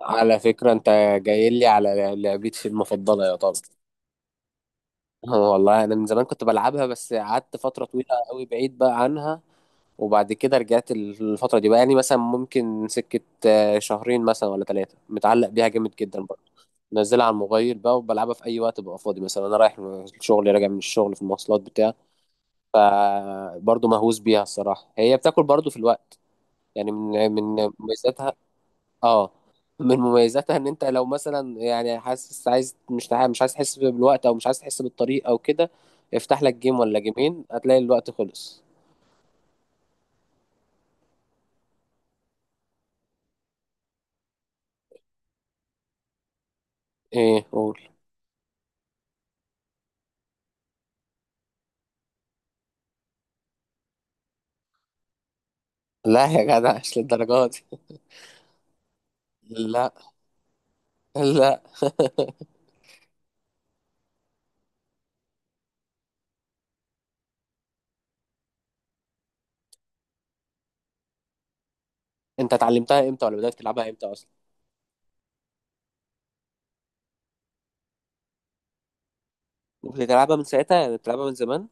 على فكرة انت جاي لي على لعبتي المفضلة يا طب. اه والله انا من زمان كنت بلعبها، بس قعدت فترة طويلة قوي بعيد بقى عنها. وبعد كده رجعت الفترة دي بقى، يعني مثلا ممكن سكة شهرين مثلا ولا ثلاثة، متعلق بيها جامد جدا برضه. منزلها على الموبايل بقى وبلعبها في اي وقت ببقى فاضي، مثلا انا رايح من الشغل راجع من الشغل في المواصلات بتاع. فبرضه مهووس بيها الصراحة، هي بتاكل برضه في الوقت، يعني من مميزاتها. اه، من مميزاتها ان انت لو مثلا يعني حاسس عايز مش عايز تحس بالوقت او مش عايز تحس بالطريق او كده، افتح لك جيم ولا جيمين هتلاقي الوقت خلص. ايه قول. لا يا جدع مش للدرجه دي. لا. لا، انت اتعلمتها امتى ولا بدأت تلعبها امتى اصلا؟ بتلعبها من ساعتها يعني، بتلعبها من زمان؟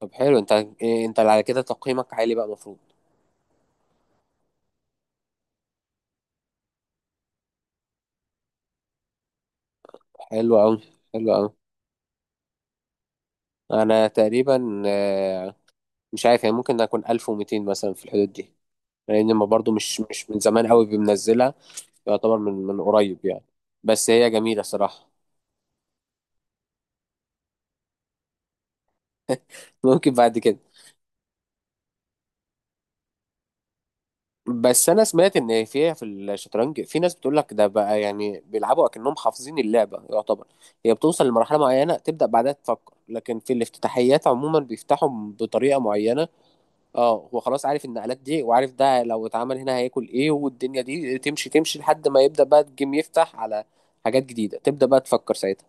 طب حلو، انت إيه انت على كده تقييمك عالي بقى المفروض. حلو قوي. حلو قوي. انا تقريبا مش عارف يعني، ممكن اكون 1200 مثلا في الحدود دي، لان ما برضو مش من زمان قوي بمنزلها، يعتبر من قريب يعني. بس هي جميله صراحه. ممكن بعد كده. بس انا سمعت ان فيها في الشطرنج، في ناس بتقول لك ده بقى يعني بيلعبوا اكنهم حافظين اللعبه يعتبر. هي بتوصل لمرحله معينه تبدا بعدها تفكر، لكن في الافتتاحيات عموما بيفتحوا بطريقه معينه. اه، هو خلاص عارف النقلات دي، وعارف ده لو اتعمل هنا هياكل ايه، والدنيا دي تمشي لحد ما يبدا بقى الجيم يفتح على حاجات جديده، تبدا بقى تفكر ساعتها.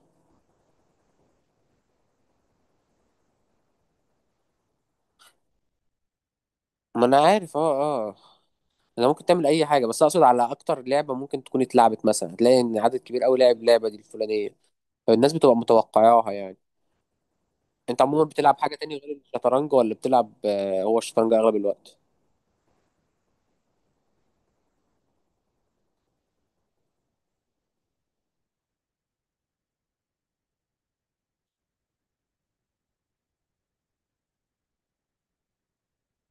ما انا عارف، اه اه. انا ممكن تعمل اي حاجه، بس اقصد على اكتر لعبه ممكن تكون اتلعبت مثلا، هتلاقي ان عدد كبير قوي لعب اللعبه دي الفلانيه، فالناس بتبقى متوقعاها يعني. انت عموما بتلعب حاجه تانية غير الشطرنج ولا بتلعب هو الشطرنج اغلب الوقت؟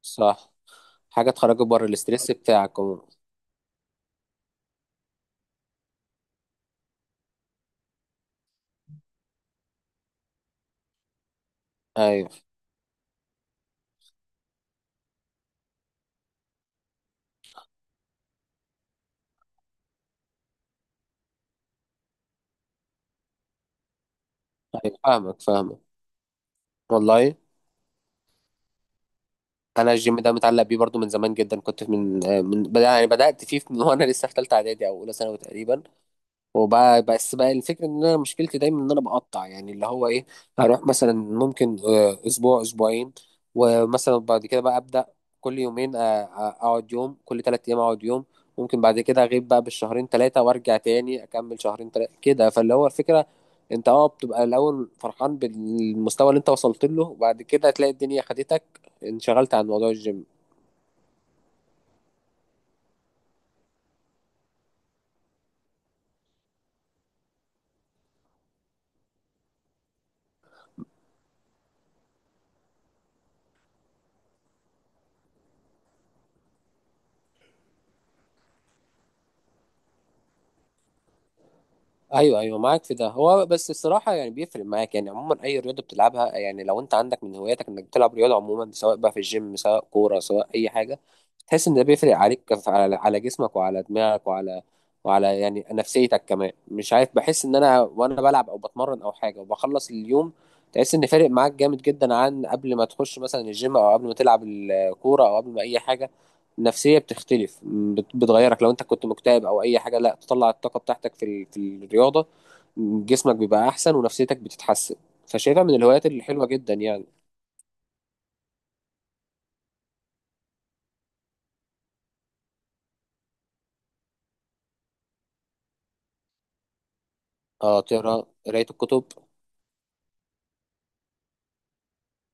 صح، حاجه تخرجك بره الاستريس بتاعك عموما. ايوه ايوه، فاهمك فاهمك. والله انا الجيم ده متعلق بيه برضو من زمان جدا، كنت من من بدأ يعني، بدات فيه من وانا لسه في ثالثه اعدادي او اولى ثانوي تقريبا. وبقى بس بقى الفكرة ان انا مشكلتي دايما ان انا بقطع، يعني اللي هو ايه، هروح مثلا ممكن اسبوع اسبوعين، ومثلا بعد كده بقى ابدا كل يومين اقعد يوم كل ثلاث ايام اقعد يوم. ممكن بعد كده اغيب بقى بالشهرين ثلاثة وارجع تاني اكمل شهرين ثلاثة كده. فاللي هو الفكرة، انت اه بتبقى الاول فرحان بالمستوى اللي انت وصلت له، وبعد كده تلاقي الدنيا خدتك، انشغلت عن موضوع الجيم. ايوه ايوه، معاك في ده. هو بس الصراحه يعني بيفرق معاك يعني، عموما اي رياضه بتلعبها، يعني لو انت عندك من هواياتك انك بتلعب رياضه عموما، سواء بقى في الجيم سواء كوره سواء اي حاجه، تحس ان ده بيفرق عليك على على جسمك وعلى دماغك وعلى، وعلى يعني نفسيتك كمان، مش عارف. بحس ان انا وانا بلعب او بتمرن او حاجه وبخلص اليوم، تحس ان فارق معاك جامد جدا عن قبل ما تخش مثلا الجيم او قبل ما تلعب الكوره او قبل ما اي حاجه. النفسيه بتختلف، بتغيرك لو انت كنت مكتئب او اي حاجه، لا تطلع الطاقه بتاعتك في في الرياضه. جسمك بيبقى احسن ونفسيتك بتتحسن، فشايفها من الهوايات الحلوه جدا يعني. اه، تقرا قرايه الكتب.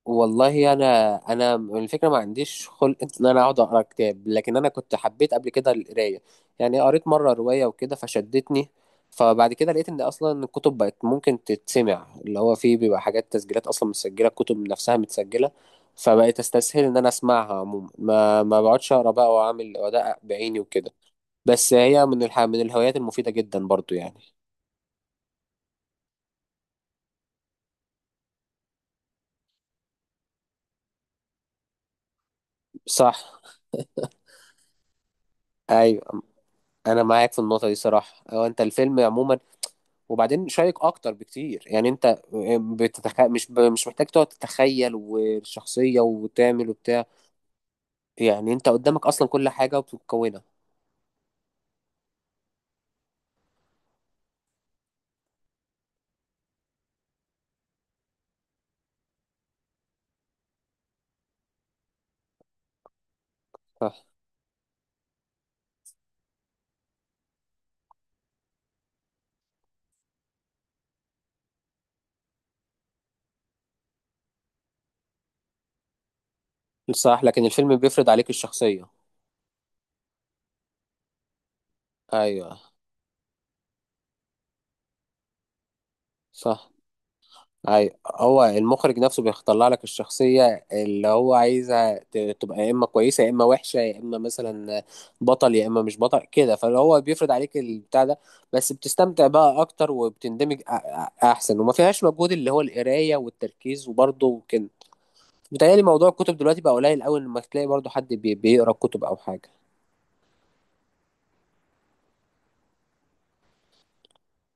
والله انا الفكره ما عنديش خلق ان انا اقعد اقرا كتاب، لكن انا كنت حبيت قبل كده القرايه، يعني قريت مره روايه وكده فشدتني. فبعد كده لقيت ان اصلا الكتب بقت ممكن تتسمع، اللي هو فيه بيبقى حاجات تسجيلات اصلا متسجله، الكتب نفسها متسجله. فبقيت استسهل ان انا اسمعها عموما، ما بقعدش اقرا بقى واعمل وادقق بعيني وكده. بس هي من من الهوايات المفيده جدا برضو يعني. صح. ايوه انا معاك في النقطه دي صراحه، هو انت الفيلم عموما وبعدين شيق اكتر بكتير يعني. انت مش محتاج تقعد تتخيل والشخصيه وتعمل وبتاع، يعني انت قدامك اصلا كل حاجه وبتكونها. صح صح، لكن الفيلم بيفرض عليك الشخصيه. ايوه. صح. اي، هو المخرج نفسه بيطلع لك الشخصية اللي هو عايزها تبقى يا اما كويسة يا اما وحشة، يا اما مثلا بطل يا اما مش بطل كده، فاللي هو بيفرض عليك البتاع ده. بس بتستمتع بقى اكتر وبتندمج احسن، وما فيهاش مجهود اللي هو القراية والتركيز وبرضه كده. متهيألي موضوع الكتب دلوقتي بقى قليل قوي لما تلاقي برضه حد بيقرا كتب او حاجة.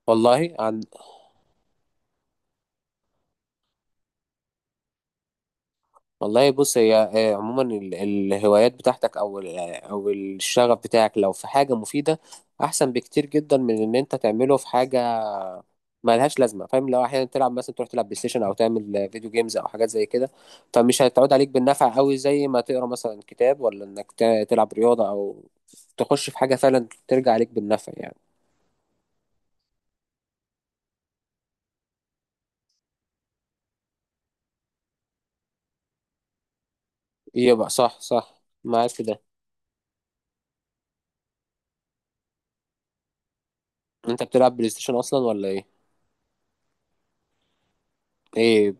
والله عن. والله بص، هي عموما الهوايات بتاعتك او او الشغف بتاعك، لو في حاجه مفيده احسن بكتير جدا من ان انت تعمله في حاجه ملهاش لازمه، فاهم؟ لو احيانا تلعب مثلا، تروح تلعب بلاي ستيشن او تعمل فيديو جيمز او حاجات زي كده، فمش هتعود عليك بالنفع قوي زي ما تقرا مثلا كتاب، ولا انك تلعب رياضه او تخش في حاجه فعلا ترجع عليك بالنفع يعني. يبقى صح صح، معاك في ده. انت بتلعب بلاي ستيشن اصلا ولا ايه؟ ايه.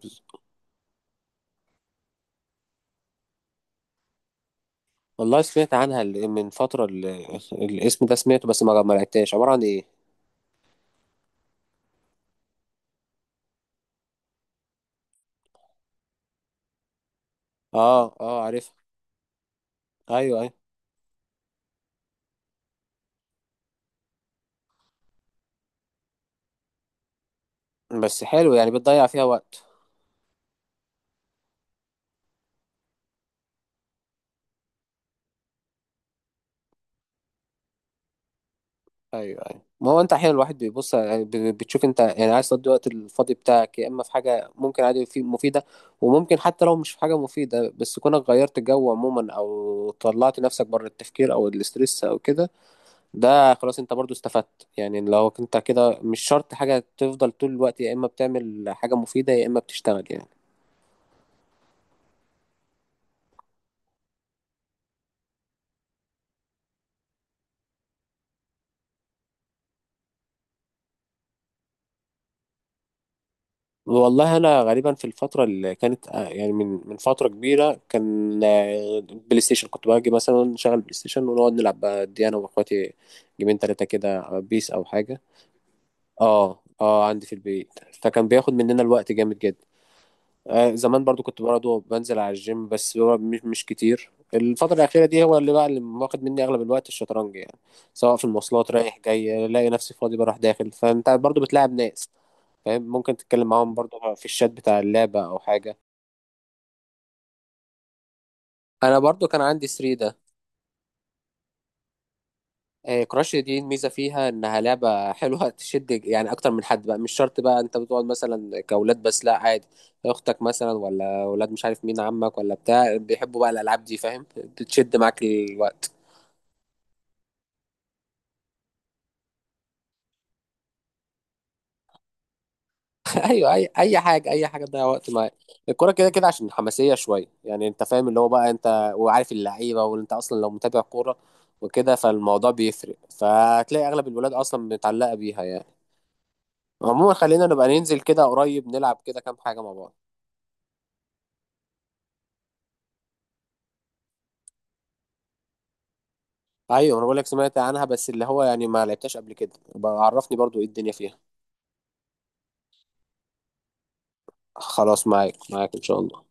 والله سمعت عنها من فترة، الاسم ده سمعته، بس ما لعبتهاش، عبارة عن ايه؟ اه اه، عارفها. ايوه ايوه. بس حلو يعني، بتضيع فيها وقت. ايوه ايوه، ما هو انت احيانا الواحد بيبص يعني، بتشوف انت يعني عايز تقضي الوقت الفاضي بتاعك، يا اما في حاجة ممكن عادي في مفيدة، وممكن حتى لو مش في حاجة مفيدة بس كونك غيرت الجو عموما او طلعت نفسك بره التفكير او الاسترس او كده، ده خلاص انت برضو استفدت يعني. لو انت كده، مش شرط حاجة تفضل طول الوقت يا اما بتعمل حاجة مفيدة يا اما بتشتغل يعني. والله انا غالبا في الفتره اللي كانت يعني من فتره كبيره كان بلاي ستيشن، كنت باجي مثلا شغل بلاي ستيشن ونقعد نلعب بقى دي انا واخواتي جيمين تلاتة كده، بيس او حاجه. اه اه، عندي في البيت، فكان بياخد مننا الوقت جامد جدا. آه زمان برضو كنت برضو بنزل على الجيم، بس هو مش كتير. الفتره الاخيره دي هو اللي بقى اللي واخد مني اغلب الوقت الشطرنج يعني، سواء في المواصلات رايح جاي الاقي نفسي فاضي، بروح داخل فانت برضو بتلاعب ناس فاهم، ممكن تتكلم معاهم برضو في الشات بتاع اللعبة أو حاجة. أنا برضو كان عندي 3 ده. كراش دي الميزة فيها إنها لعبة حلوة تشد يعني أكتر من حد بقى، مش شرط بقى أنت بتقعد مثلا كأولاد، بس لا عادي، أختك مثلا ولا أولاد مش عارف مين، عمك ولا بتاع بيحبوا بقى الألعاب دي فاهم، بتشد معاك الوقت. ايوه، اي حاجه اي حاجه تضيع وقت معاك. الكوره كده كده عشان حماسيه شويه يعني، انت فاهم اللي هو بقى انت وعارف اللعيبه، وانت اصلا لو متابع كوره وكده، فالموضوع بيفرق، فتلاقي اغلب الولاد اصلا متعلقه بيها يعني. عموما خلينا نبقى ننزل كده قريب نلعب كده كام حاجه مع بعض. ايوه انا بقول لك سمعت عنها، بس اللي هو يعني ما لعبتهاش قبل كده، بقى عرفني برضو ايه الدنيا فيها. خلاص، معاك معاك ان شاء الله.